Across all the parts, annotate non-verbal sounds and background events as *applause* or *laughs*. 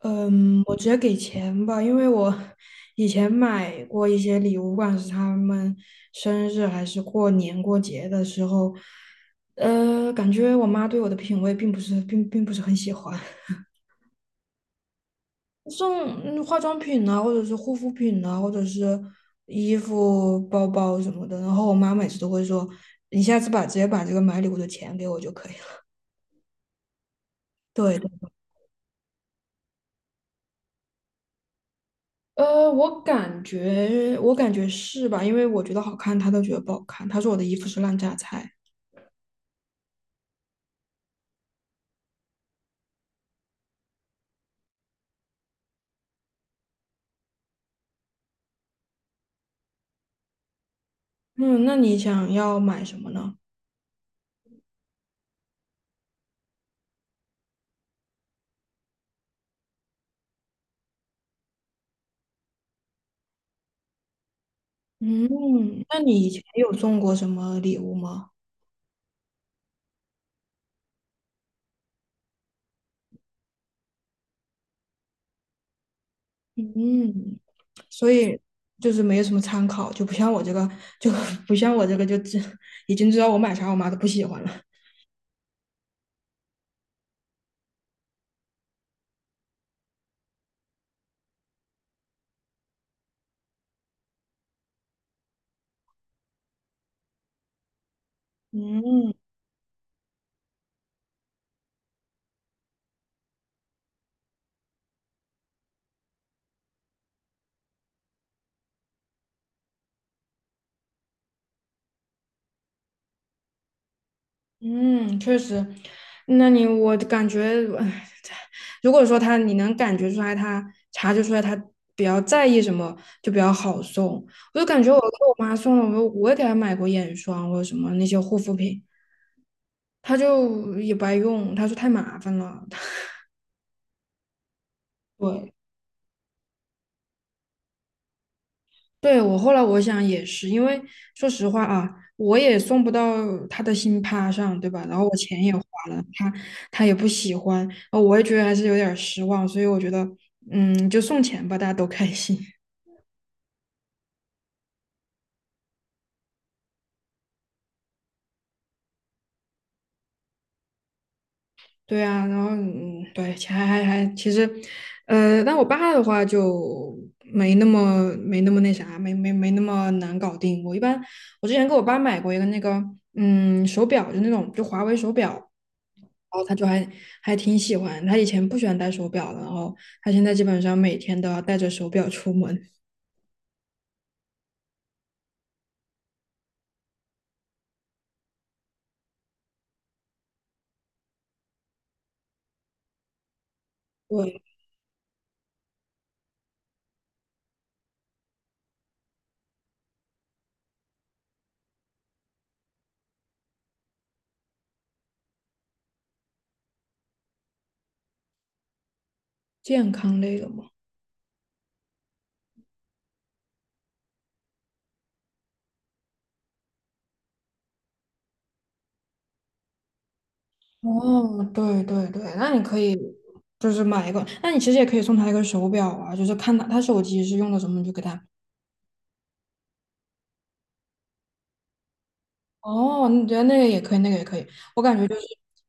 嗯，我直接给钱吧，因为我以前买过一些礼物，不管是他们生日还是过年过节的时候，感觉我妈对我的品味并不是很喜欢，送化妆品啊，或者是护肤品啊，或者是衣服、包包什么的，然后我妈每次都会说，你下次直接把这个买礼物的钱给我就可以了。对。我感觉是吧？因为我觉得好看，他都觉得不好看。他说我的衣服是烂榨菜。嗯，那你想要买什么呢？嗯，那你以前有送过什么礼物吗？嗯，所以就是没有什么参考，就不像我这个，就 *laughs* 不像我这个，已经知道我买啥，我妈都不喜欢了。嗯。嗯，确实，那你我感觉，唉如果说他你能感觉出来他，察觉出来他比较在意什么，就比较好送。我就感觉我给我妈送了，我也给她买过眼霜或者什么那些护肤品，她就也不爱用，她说太麻烦了。*laughs* 对。对，我后来我想也是，因为说实话啊，我也送不到他的心趴上，对吧？然后我钱也花了，他也不喜欢，我也觉得还是有点儿失望，所以我觉得，就送钱吧，大家都开心。对啊，然后对，钱还，其实，但我爸的话就没那么那啥，没那么难搞定。我一般我之前给我爸买过一个那个手表，就那种就华为手表，然后他就还挺喜欢。他以前不喜欢戴手表的，然后他现在基本上每天都要带着手表出门。对，健康类的嘛。哦，对对对，那你可以就是买一个，那你其实也可以送他一个手表啊，就是看他手机是用的什么，你就给他。哦，你觉得那个也可以，那个也可以。我感觉就是，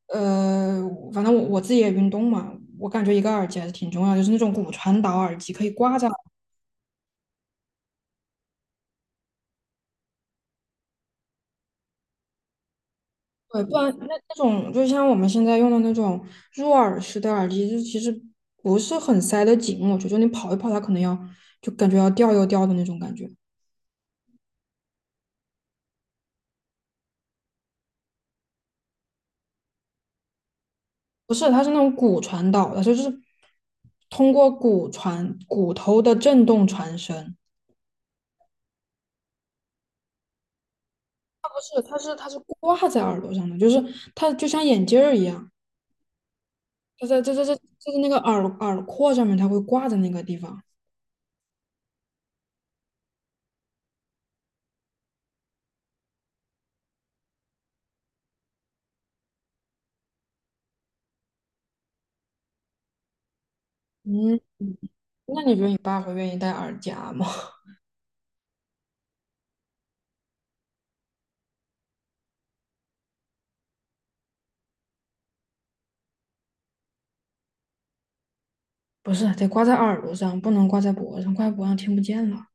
呃，反正我自己也运动嘛，我感觉一个耳机还是挺重要，就是那种骨传导耳机可以挂在。对，不然那种就像我们现在用的那种入耳式的耳机，就其实不是很塞得紧，我觉得你跑一跑，它可能要就感觉要掉又掉的那种感觉。不是，它是那种骨传导的，就是通过骨头的震动传声。是，它是挂在耳朵上的，就是它就像眼镜儿一样，它在这就是那个耳廓上面，它会挂在那个地方。嗯，那你觉得你爸会愿意戴耳夹吗？*laughs* 不是，得挂在耳朵上，不能挂在脖子上，挂在脖子上听不见了。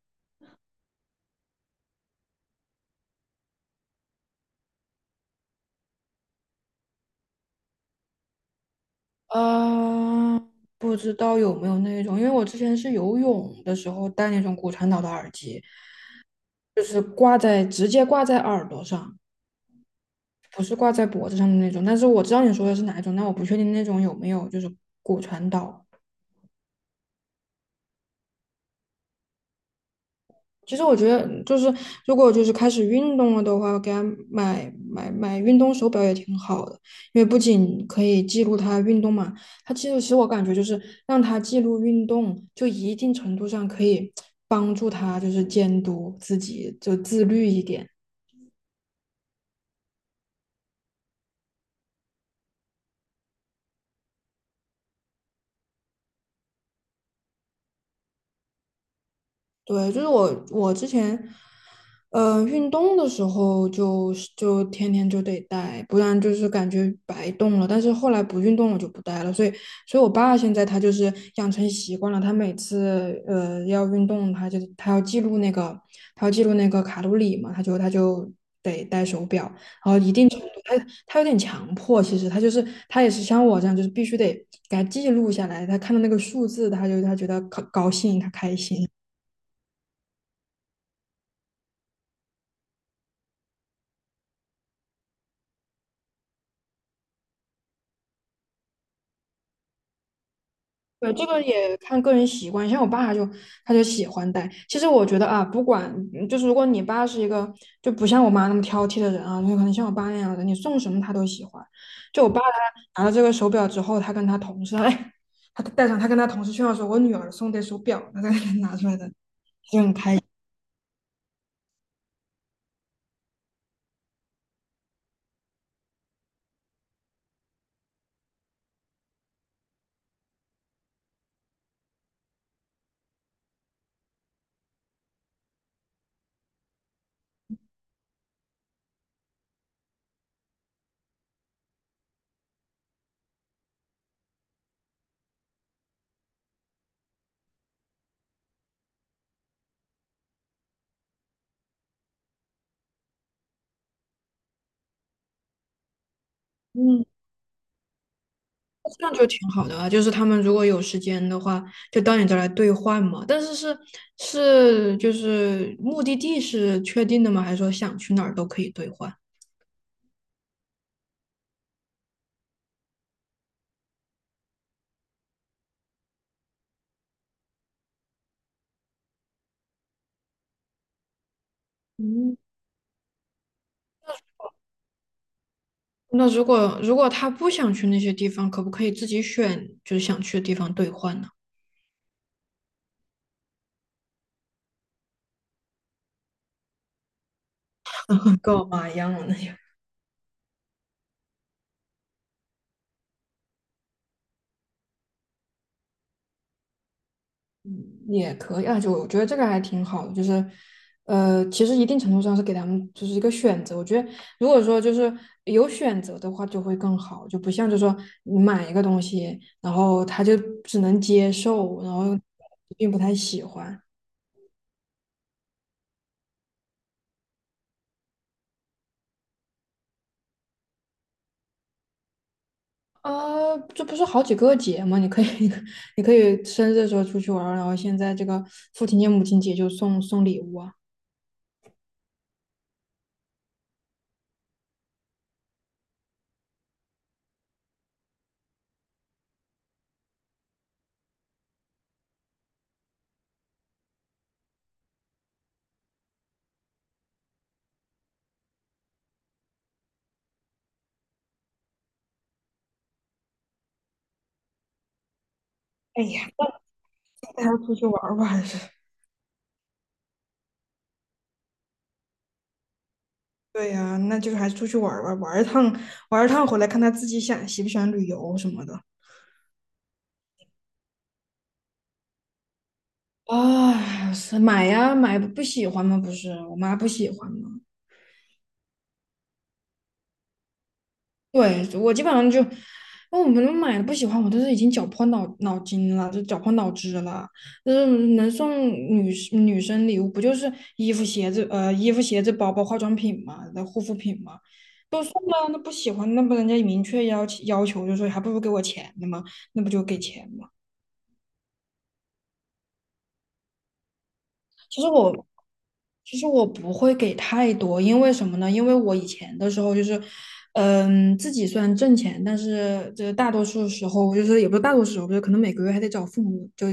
啊、不知道有没有那种，因为我之前是游泳的时候戴那种骨传导的耳机，就是直接挂在耳朵上。不是挂在脖子上的那种，但是我知道你说的是哪一种，但我不确定那种有没有就是骨传导。其实我觉得就是如果就是开始运动了的话，给他买运动手表也挺好的，因为不仅可以记录他运动嘛，他其实我感觉就是让他记录运动，就一定程度上可以帮助他就是监督自己，就自律一点。对，就是我之前运动的时候就是天天就得戴，不然就是感觉白动了。但是后来不运动了就不戴了，所以，我爸现在他就是养成习惯了，他每次要运动，他要记录那个卡路里嘛，他就得戴手表，然后一定程度他有点强迫，其实他也是像我这样，就是必须得给他记录下来，他看到那个数字，他觉得高兴，他开心。对，这个也看个人习惯，像我爸他就喜欢戴。其实我觉得啊，不管就是如果你爸是一个就不像我妈那么挑剔的人啊，就可能像我爸那样的，你送什么他都喜欢。就我爸他拿了这个手表之后，他跟他同事，哎，他戴上，他跟他同事炫耀说：“我女儿送的手表。”他才给拿出来的，嗯，这样就挺好的啊。就是他们如果有时间的话，就到你这儿来兑换嘛。但是就是目的地是确定的吗？还是说想去哪儿都可以兑换？嗯，那如果他不想去那些地方，可不可以自己选就是想去的地方兑换呢？够嘛一样的那些也可以啊，就我觉得这个还挺好的，就是其实一定程度上是给他们就是一个选择。我觉得如果说就是有选择的话，就会更好，就不像就说你买一个东西，然后他就只能接受，然后并不太喜欢。这不是好几个节吗？你可以，*laughs* 你可以生日的时候出去玩儿，然后现在这个父亲节、母亲节就送送礼物啊。哎呀，带他出去玩儿吧。*laughs* 对呀，那就还是出去玩儿吧，玩儿一趟，玩儿一趟回来，看他自己想喜不喜欢旅游什么的。啊，是买呀，买不喜欢吗？不是，我妈不喜欢吗？对，我基本上就，那我们买的不喜欢，我都是已经绞破脑汁了。就是能送女士女生礼物，不就是衣服、鞋子，衣服、鞋子、包包、化妆品嘛，的护肤品嘛，都送了，那不喜欢，那不人家明确要求，就说还不如给我钱呢嘛，那不就给钱。其实我其实我不会给太多，因为什么呢？因为我以前的时候就是，自己虽然挣钱，但是就是大多数时候就是也不是大多数时候，就是可能每个月还得找父母就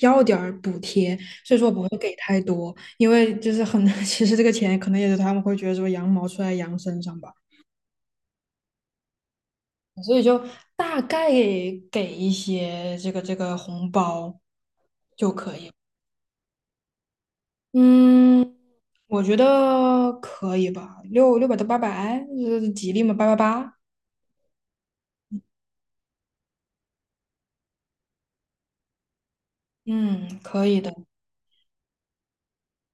要点儿补贴，所以说我不会给太多，因为就是很 *laughs* 其实这个钱可能也是他们会觉得说羊毛出在羊身上吧，所以就大概给一些这个红包。嗯，我觉得可以吧，六百到800，吉利嘛，888，嗯，可以的。